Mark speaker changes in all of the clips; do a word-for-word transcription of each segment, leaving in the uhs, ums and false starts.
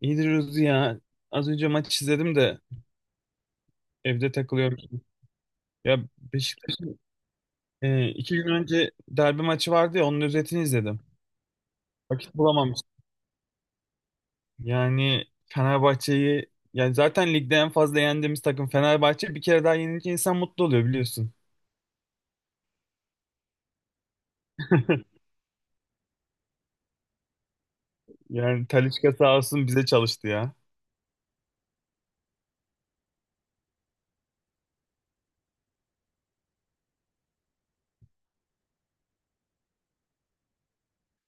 Speaker 1: İyidir Ruzi ya. Az önce maç izledim de evde takılıyorum. Ya Beşiktaş'ın e, iki gün önce derbi maçı vardı ya onun özetini izledim. Vakit bulamamıştım. Yani Fenerbahçe'yi yani zaten ligde en fazla yendiğimiz takım Fenerbahçe bir kere daha yenince insan mutlu oluyor biliyorsun. Yani Talisca sağ olsun bize çalıştı ya.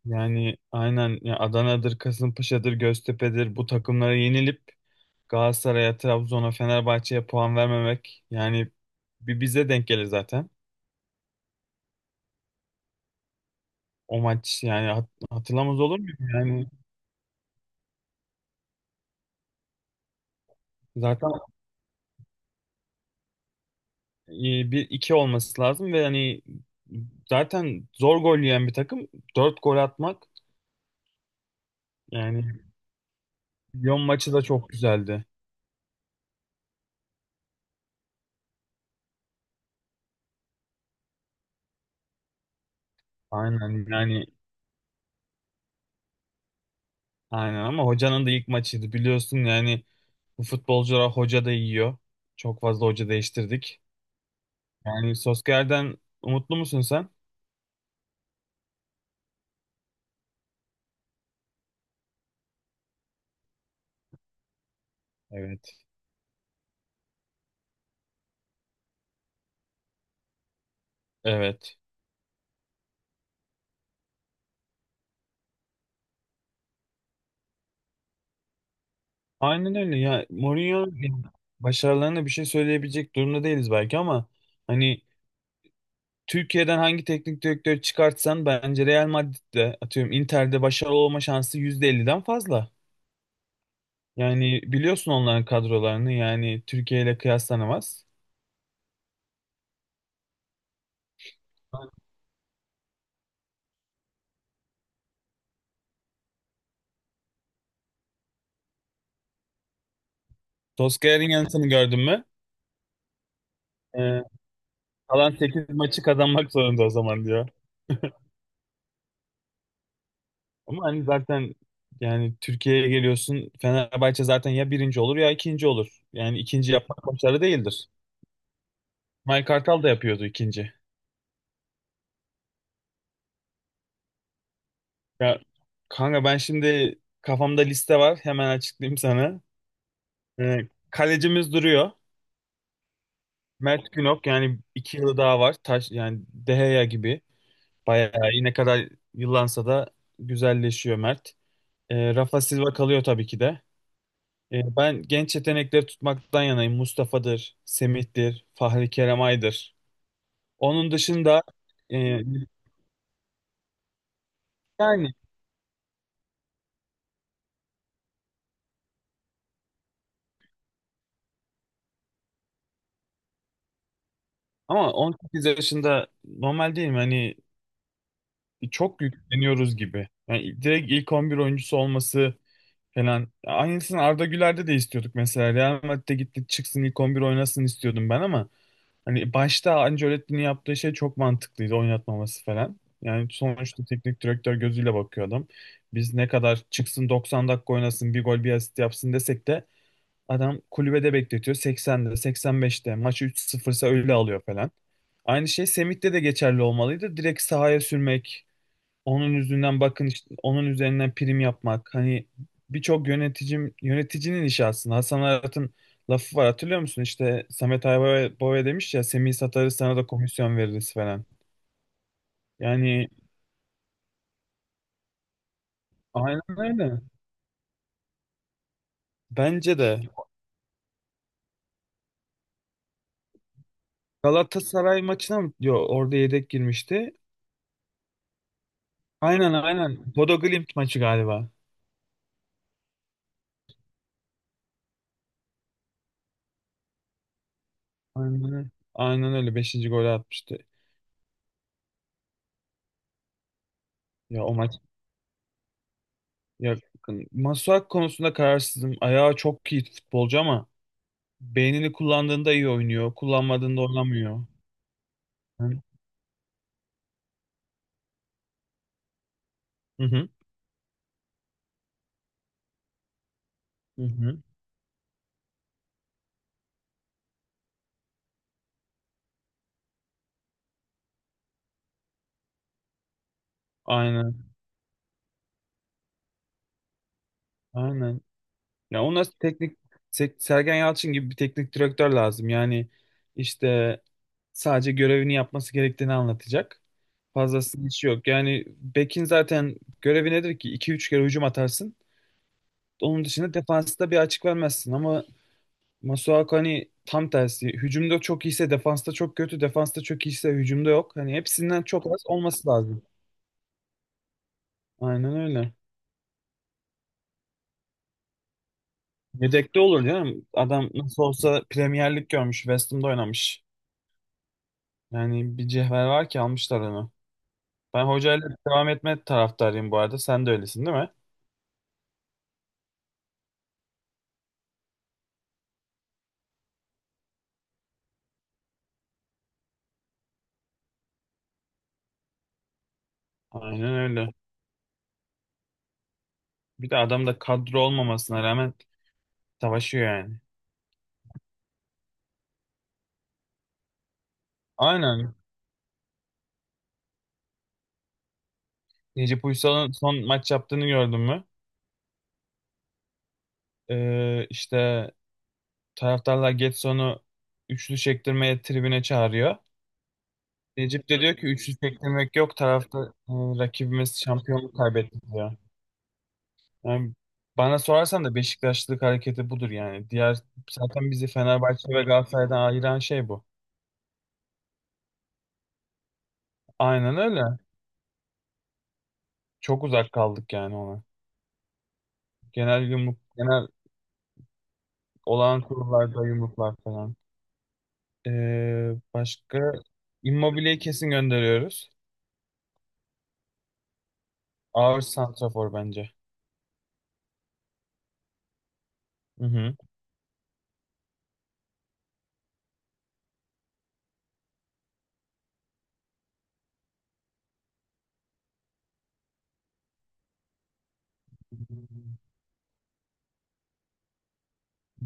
Speaker 1: Yani aynen ya Adana'dır, Kasımpaşa'dır, Göztepe'dir bu takımlara yenilip Galatasaray'a, Trabzon'a, Fenerbahçe'ye puan vermemek yani bir bize denk gelir zaten. O maç yani hat- hatırlamaz olur muyum? Yani zaten e, bir iki olması lazım ve hani zaten zor gol yiyen bir takım dört gol atmak yani Lyon maçı da çok güzeldi. Aynen yani aynen ama hocanın da ilk maçıydı biliyorsun yani bu futbolcular hoca da yiyor. Çok fazla hoca değiştirdik. Yani Solskjaer'den umutlu musun sen? Evet. Evet. Aynen öyle ya Mourinho başarılarına bir şey söyleyebilecek durumda değiliz belki ama hani Türkiye'den hangi teknik direktörü çıkartsan bence Real Madrid'de, atıyorum, Inter'de başarılı olma şansı yüzde elli'den fazla. Yani biliyorsun onların kadrolarını, yani Türkiye ile kıyaslanamaz. Solskjaer'in yanıtını gördün mü? Ee, kalan sekiz maçı kazanmak zorunda o zaman diyor. Ama hani zaten yani Türkiye'ye geliyorsun, Fenerbahçe zaten ya birinci olur ya ikinci olur. Yani ikinci yapmak başarı değildir. Mike Kartal da yapıyordu ikinci. Ya kanka, ben şimdi kafamda liste var, hemen açıklayayım sana. Ee, kalecimiz duruyor. Mert Günok, yani iki yılı daha var. Taş yani, Deheya gibi. Bayağı iyi, ne kadar yıllansa da güzelleşiyor Mert. Ee, Rafa Silva kalıyor tabii ki de. Ee, ben genç yetenekleri tutmaktan yanayım. Mustafa'dır, Semih'tir, Fahri Kerem Ay'dır. Onun dışında e, yani ama on sekiz yaşında normal değil mi? Hani çok yükleniyoruz gibi. Yani direkt ilk on bir oyuncusu olması falan. Aynısını Arda Güler'de de istiyorduk mesela. Real Madrid'de gitti çıksın ilk on bir oynasın istiyordum ben ama hani başta Ancelotti'nin yaptığı şey çok mantıklıydı, oynatmaması falan. Yani sonuçta teknik direktör gözüyle bakıyor adam. Biz ne kadar çıksın doksan dakika oynasın bir gol bir asist yapsın desek de adam kulübede bekletiyor, sekseninde seksen beşinde maçı üç sıfırsa öyle alıyor falan. Aynı şey Semih'te de geçerli olmalıydı. Direkt sahaya sürmek, onun yüzünden bakın işte, onun üzerinden prim yapmak, hani birçok yöneticim yöneticinin işi aslında. Hasan Arat'ın lafı var, hatırlıyor musun? İşte Samet Aybaba demiş ya, Semih satarız sana da komisyon veririz falan. Yani aynen öyle, bence de. Galatasaray maçına mı? Yo orada yedek girmişti. Aynen aynen, Bodo Glimt maçı galiba. Aynen öyle, aynen öyle, beşinci golü atmıştı. Ya o maç, ya Masuak konusunda kararsızım. Ayağı çok iyi futbolcu ama beynini kullandığında iyi oynuyor. Kullanmadığında oynamıyor. Hı hı. Hı hı. Aynen. Aynen. Ya ona teknik, Se- Sergen Yalçın gibi bir teknik direktör lazım. Yani işte sadece görevini yapması gerektiğini anlatacak. Fazlasının işi yok. Yani bekin zaten görevi nedir ki? iki üç kere hücum atarsın. Onun dışında defansta bir açık vermezsin ama Masuaku hani tam tersi. Hücumda çok iyiyse defansta çok kötü, defansta çok iyiyse hücumda yok. Hani hepsinden çok az olması lazım. Aynen öyle. Yedekte olur canım. Adam nasıl olsa Premier Lig görmüş, West Ham'da oynamış. Yani bir cevher var ki almışlar onu. Ben hocayla devam etme taraftarıyım bu arada. Sen de öylesin değil mi? Aynen öyle. Bir de adam da kadro olmamasına rağmen savaşıyor yani. Aynen. Necip Uysal'ın son maç yaptığını gördün mü? Ee, işte taraftarlar Getson'u üçlü çektirmeye tribüne çağırıyor. Necip de diyor ki üçlü çektirmek yok, tarafta e, rakibimiz şampiyonluk kaybetti diyor. Yani bana sorarsan da Beşiktaşlılık hareketi budur yani. Diğer, zaten bizi Fenerbahçe ve Galatasaray'dan ayıran şey bu. Aynen öyle. Çok uzak kaldık yani ona. Genel yumruk, genel olağan kurullarda yumruklar falan. Ee, başka Immobile'yi kesin gönderiyoruz. Ağır santrafor bence. Hı hı.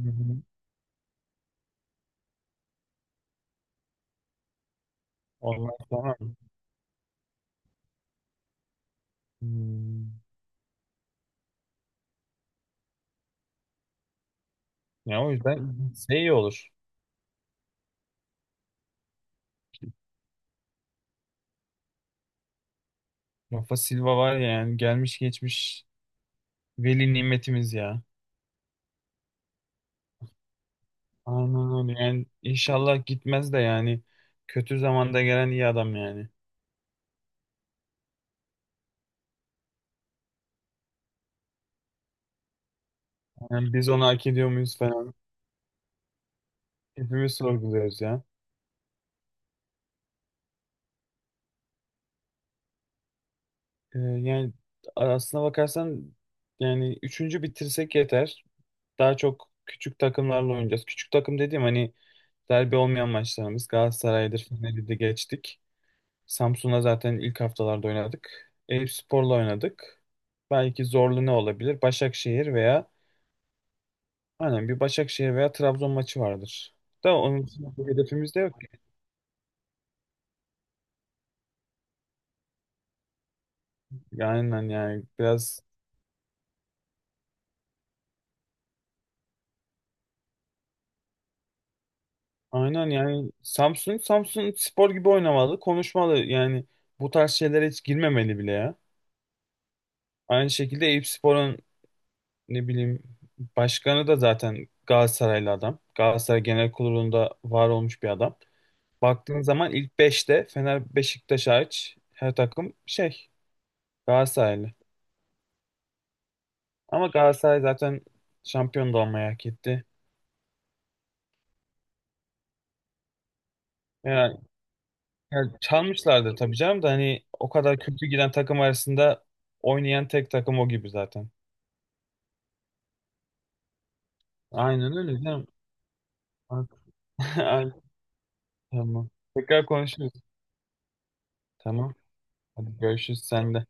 Speaker 1: Hı hı. Ondan sonra hmm, ya o yüzden şey iyi olur. Rafa Silva var ya, yani gelmiş geçmiş veli nimetimiz ya. Aynen öyle. Yani inşallah gitmez de yani. Kötü zamanda gelen iyi adam yani. Yani biz onu hak ediyor muyuz falan. Hepimiz sorguluyoruz ya. Ee, yani aslına bakarsan yani üçüncü bitirsek yeter. Daha çok küçük takımlarla oynayacağız. Küçük takım dediğim hani derbi olmayan maçlarımız. Galatasaray'dır, Fener'i de geçtik. Samsun'la zaten ilk haftalarda oynadık. Eyüpspor'la oynadık. Belki zorlu ne olabilir? Başakşehir veya. Aynen, bir Başakşehir veya Trabzon maçı vardır. Da onun için bir hedefimiz de yok ki. Aynen yani biraz, aynen yani Samsun Samsun Spor gibi oynamalı, konuşmalı. Yani bu tarz şeylere hiç girmemeli bile ya. Aynı şekilde Eyüpspor'un ne bileyim başkanı da zaten Galatasaraylı adam. Galatasaray Genel Kurulu'nda var olmuş bir adam. Baktığın zaman ilk beşte Fener Beşiktaş hariç her takım şey Galatasaraylı. Ama Galatasaray zaten şampiyon da olmayı hak etti. Yani Yani çalmışlardı tabii canım da hani o kadar kötü giden takım arasında oynayan tek takım o gibi zaten. Aynen öyle canım. Aynen tamam. Tekrar konuşuruz. Tamam. Hadi görüşürüz sen de.